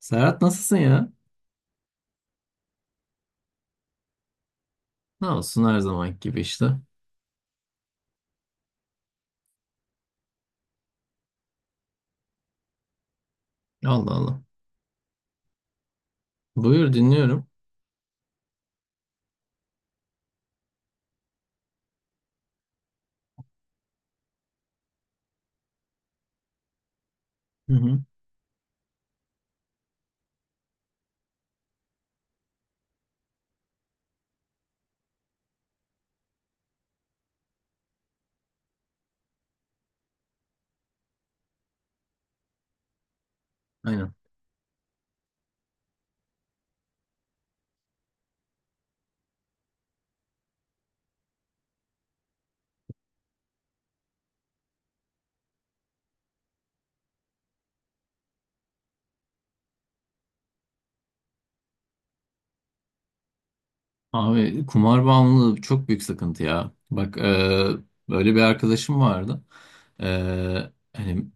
Serhat nasılsın ya? Ne olsun her zamanki gibi işte. Allah Allah. Buyur dinliyorum. Hı hı. Aynen. Abi kumar bağımlılığı çok büyük sıkıntı ya. Bak, böyle bir arkadaşım vardı. Hani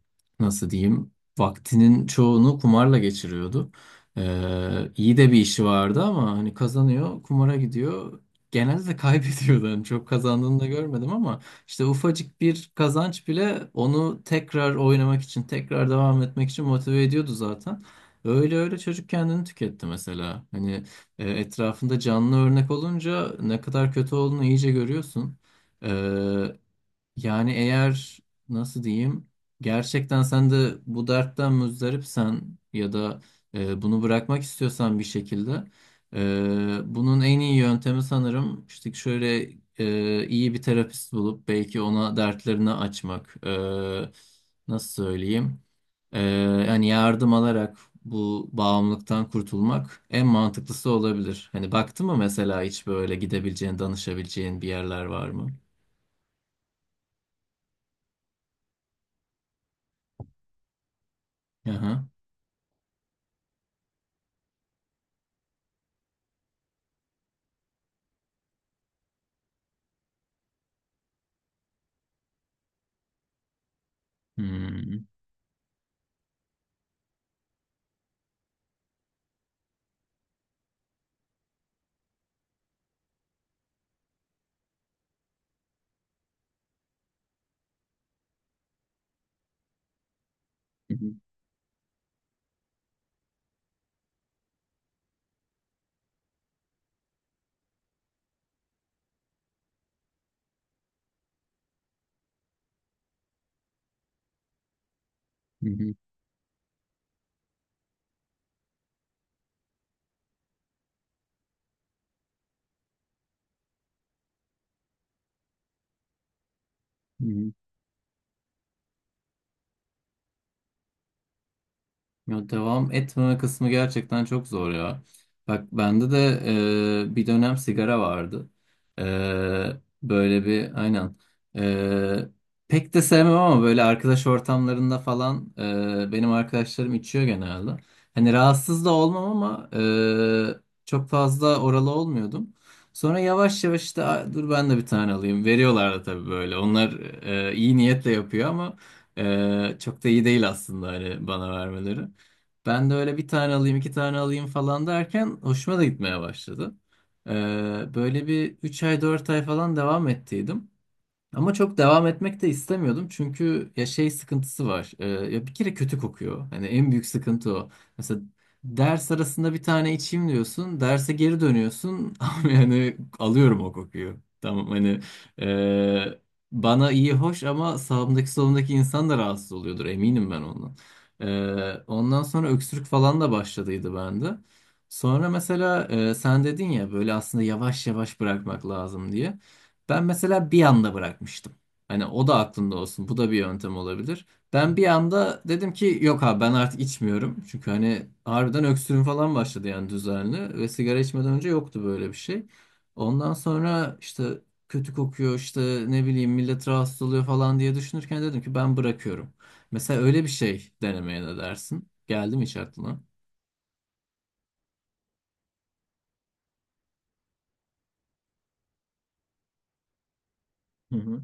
nasıl diyeyim, vaktinin çoğunu kumarla geçiriyordu. İyi de bir işi vardı ama hani kazanıyor kumara gidiyor. Genelde kaybediyordu. Hani çok kazandığını da görmedim ama işte ufacık bir kazanç bile onu tekrar oynamak için tekrar devam etmek için motive ediyordu zaten. Öyle öyle çocuk kendini tüketti mesela. Hani etrafında canlı örnek olunca ne kadar kötü olduğunu iyice görüyorsun. E, Yani eğer nasıl diyeyim, gerçekten sen de bu dertten muzdaripsen ya da bunu bırakmak istiyorsan bir şekilde, bunun en iyi yöntemi sanırım işte şöyle, iyi bir terapist bulup belki ona dertlerini açmak. Nasıl söyleyeyim, E, yani yardım alarak bu bağımlılıktan kurtulmak en mantıklısı olabilir. Hani baktın mı mesela hiç böyle gidebileceğin danışabileceğin bir yerler var mı? Aha. Hmm. Hı hı, hı hı, hı hı. Ya devam etmeme kısmı gerçekten çok zor ya. Bak bende de bir dönem sigara vardı. E, Böyle bir aynen. E, Pek de sevmem ama böyle arkadaş ortamlarında falan, benim arkadaşlarım içiyor genelde. Hani rahatsız da olmam ama çok fazla oralı olmuyordum. Sonra yavaş yavaş işte, "Aa, dur ben de bir tane alayım." Veriyorlar da tabii böyle. Onlar iyi niyetle yapıyor ama çok da iyi değil aslında hani bana vermeleri. Ben de öyle bir tane alayım, iki tane alayım falan derken hoşuma da gitmeye başladı. Ee, Böyle bir 3 ay, 4 ay falan devam ettiydim. Ama çok devam etmek de istemiyordum çünkü ya şey sıkıntısı var. Ya bir kere kötü kokuyor. Hani en büyük sıkıntı o. Mesela ders arasında bir tane içeyim diyorsun, derse geri dönüyorsun ama yani alıyorum o kokuyu. Tamam hani e, bana iyi hoş ama sağımdaki solumdaki insan da rahatsız oluyordur eminim ben ondan. Ondan sonra öksürük falan da başladıydı bende. Sonra mesela sen dedin ya böyle aslında yavaş yavaş bırakmak lazım diye. Ben mesela bir anda bırakmıştım. Hani o da aklında olsun. Bu da bir yöntem olabilir. Ben bir anda dedim ki yok abi ben artık içmiyorum. Çünkü hani harbiden öksürüm falan başladı yani düzenli. Ve sigara içmeden önce yoktu böyle bir şey. Ondan sonra işte kötü kokuyor, işte ne bileyim millet rahatsız oluyor falan diye düşünürken dedim ki ben bırakıyorum. Mesela öyle bir şey denemeye ne dersin? Geldi mi hiç aklına? Hı hı.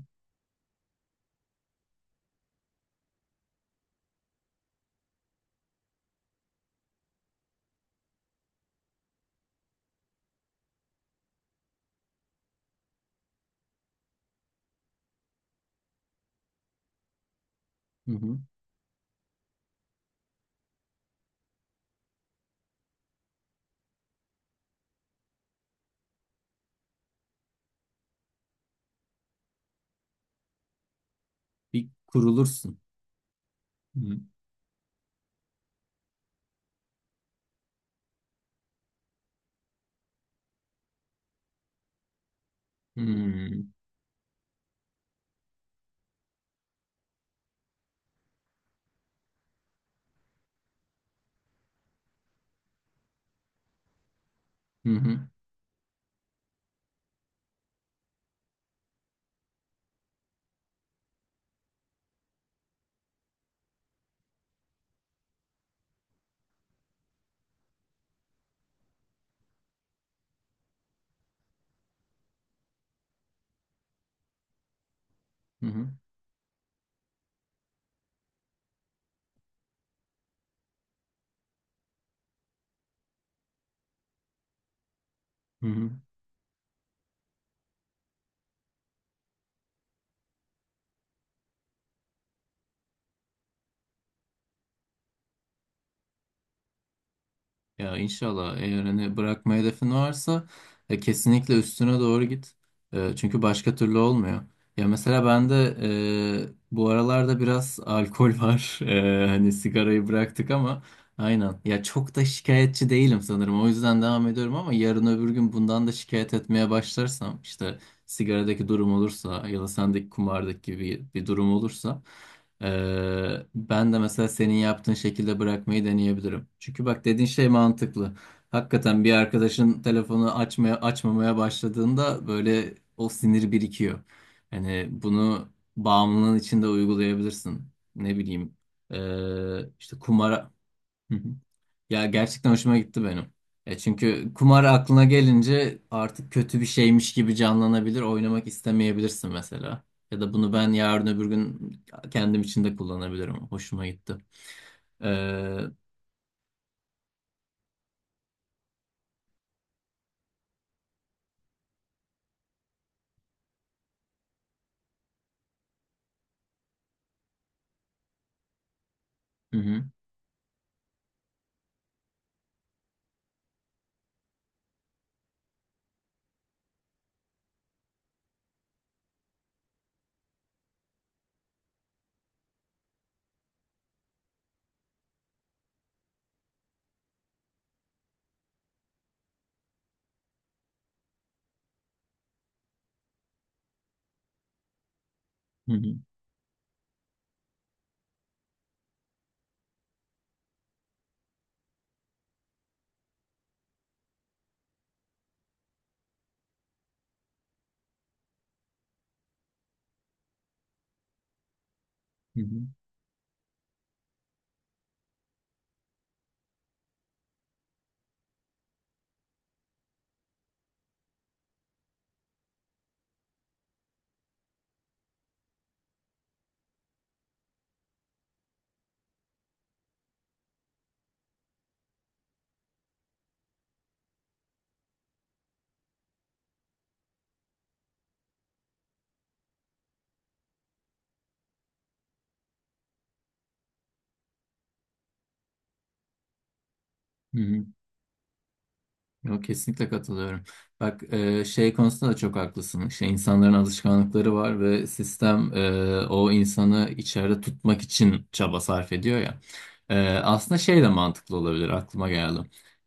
Hı hı. Bir kurulursun. Hı hı. Hı hı. Hı hı. Hı hı. Ya inşallah eğer hani bırakma hedefin varsa kesinlikle üstüne doğru git. Çünkü başka türlü olmuyor. Ya mesela ben de bu aralarda biraz alkol var. Hani sigarayı bıraktık ama aynen. Ya çok da şikayetçi değilim sanırım. O yüzden devam ediyorum ama yarın öbür gün bundan da şikayet etmeye başlarsam, işte sigaradaki durum olursa ya da sendeki kumardaki gibi bir durum olursa ben de mesela senin yaptığın şekilde bırakmayı deneyebilirim. Çünkü bak dediğin şey mantıklı. Hakikaten bir arkadaşın telefonu açmaya açmamaya başladığında böyle o sinir birikiyor. Hani bunu bağımlılığın içinde uygulayabilirsin. Ne bileyim, işte kumara. Ya gerçekten hoşuma gitti benim. Çünkü kumar aklına gelince artık kötü bir şeymiş gibi canlanabilir. Oynamak istemeyebilirsin mesela. Ya da bunu ben yarın öbür gün kendim için de kullanabilirim. Hoşuma gitti. Hı hı, hı hı, hı hı, hı hı. Yok, kesinlikle katılıyorum. Bak, şey konusunda da çok haklısın. İşte insanların alışkanlıkları var ve sistem o insanı içeride tutmak için çaba sarf ediyor ya. Aslında şey de mantıklı olabilir, aklıma geldi.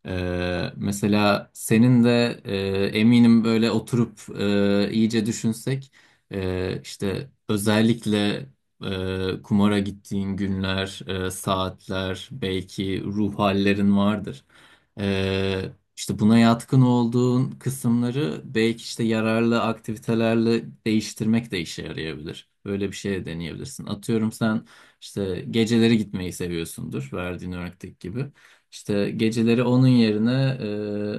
Mesela senin de eminim böyle oturup iyice düşünsek, işte özellikle kumara gittiğin günler, saatler belki ruh hallerin vardır. İşte buna yatkın olduğun kısımları belki işte yararlı aktivitelerle değiştirmek de işe yarayabilir. Böyle bir şey de deneyebilirsin. Atıyorum sen işte geceleri gitmeyi seviyorsundur verdiğin örnekteki gibi. İşte geceleri onun yerine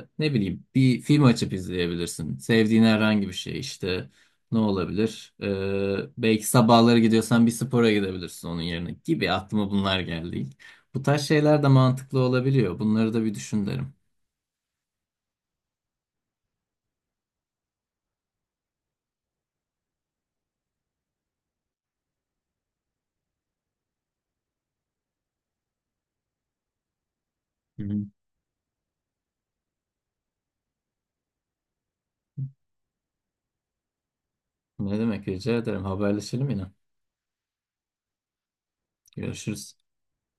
ne bileyim bir film açıp izleyebilirsin. Sevdiğin herhangi bir şey işte ne olabilir? Belki sabahları gidiyorsan bir spora gidebilirsin onun yerine, gibi aklıma bunlar geldi ilk. Bu tarz şeyler de mantıklı olabiliyor. Bunları da bir düşün derim. Ne demek, rica ederim. Haberleşelim yine. Görüşürüz.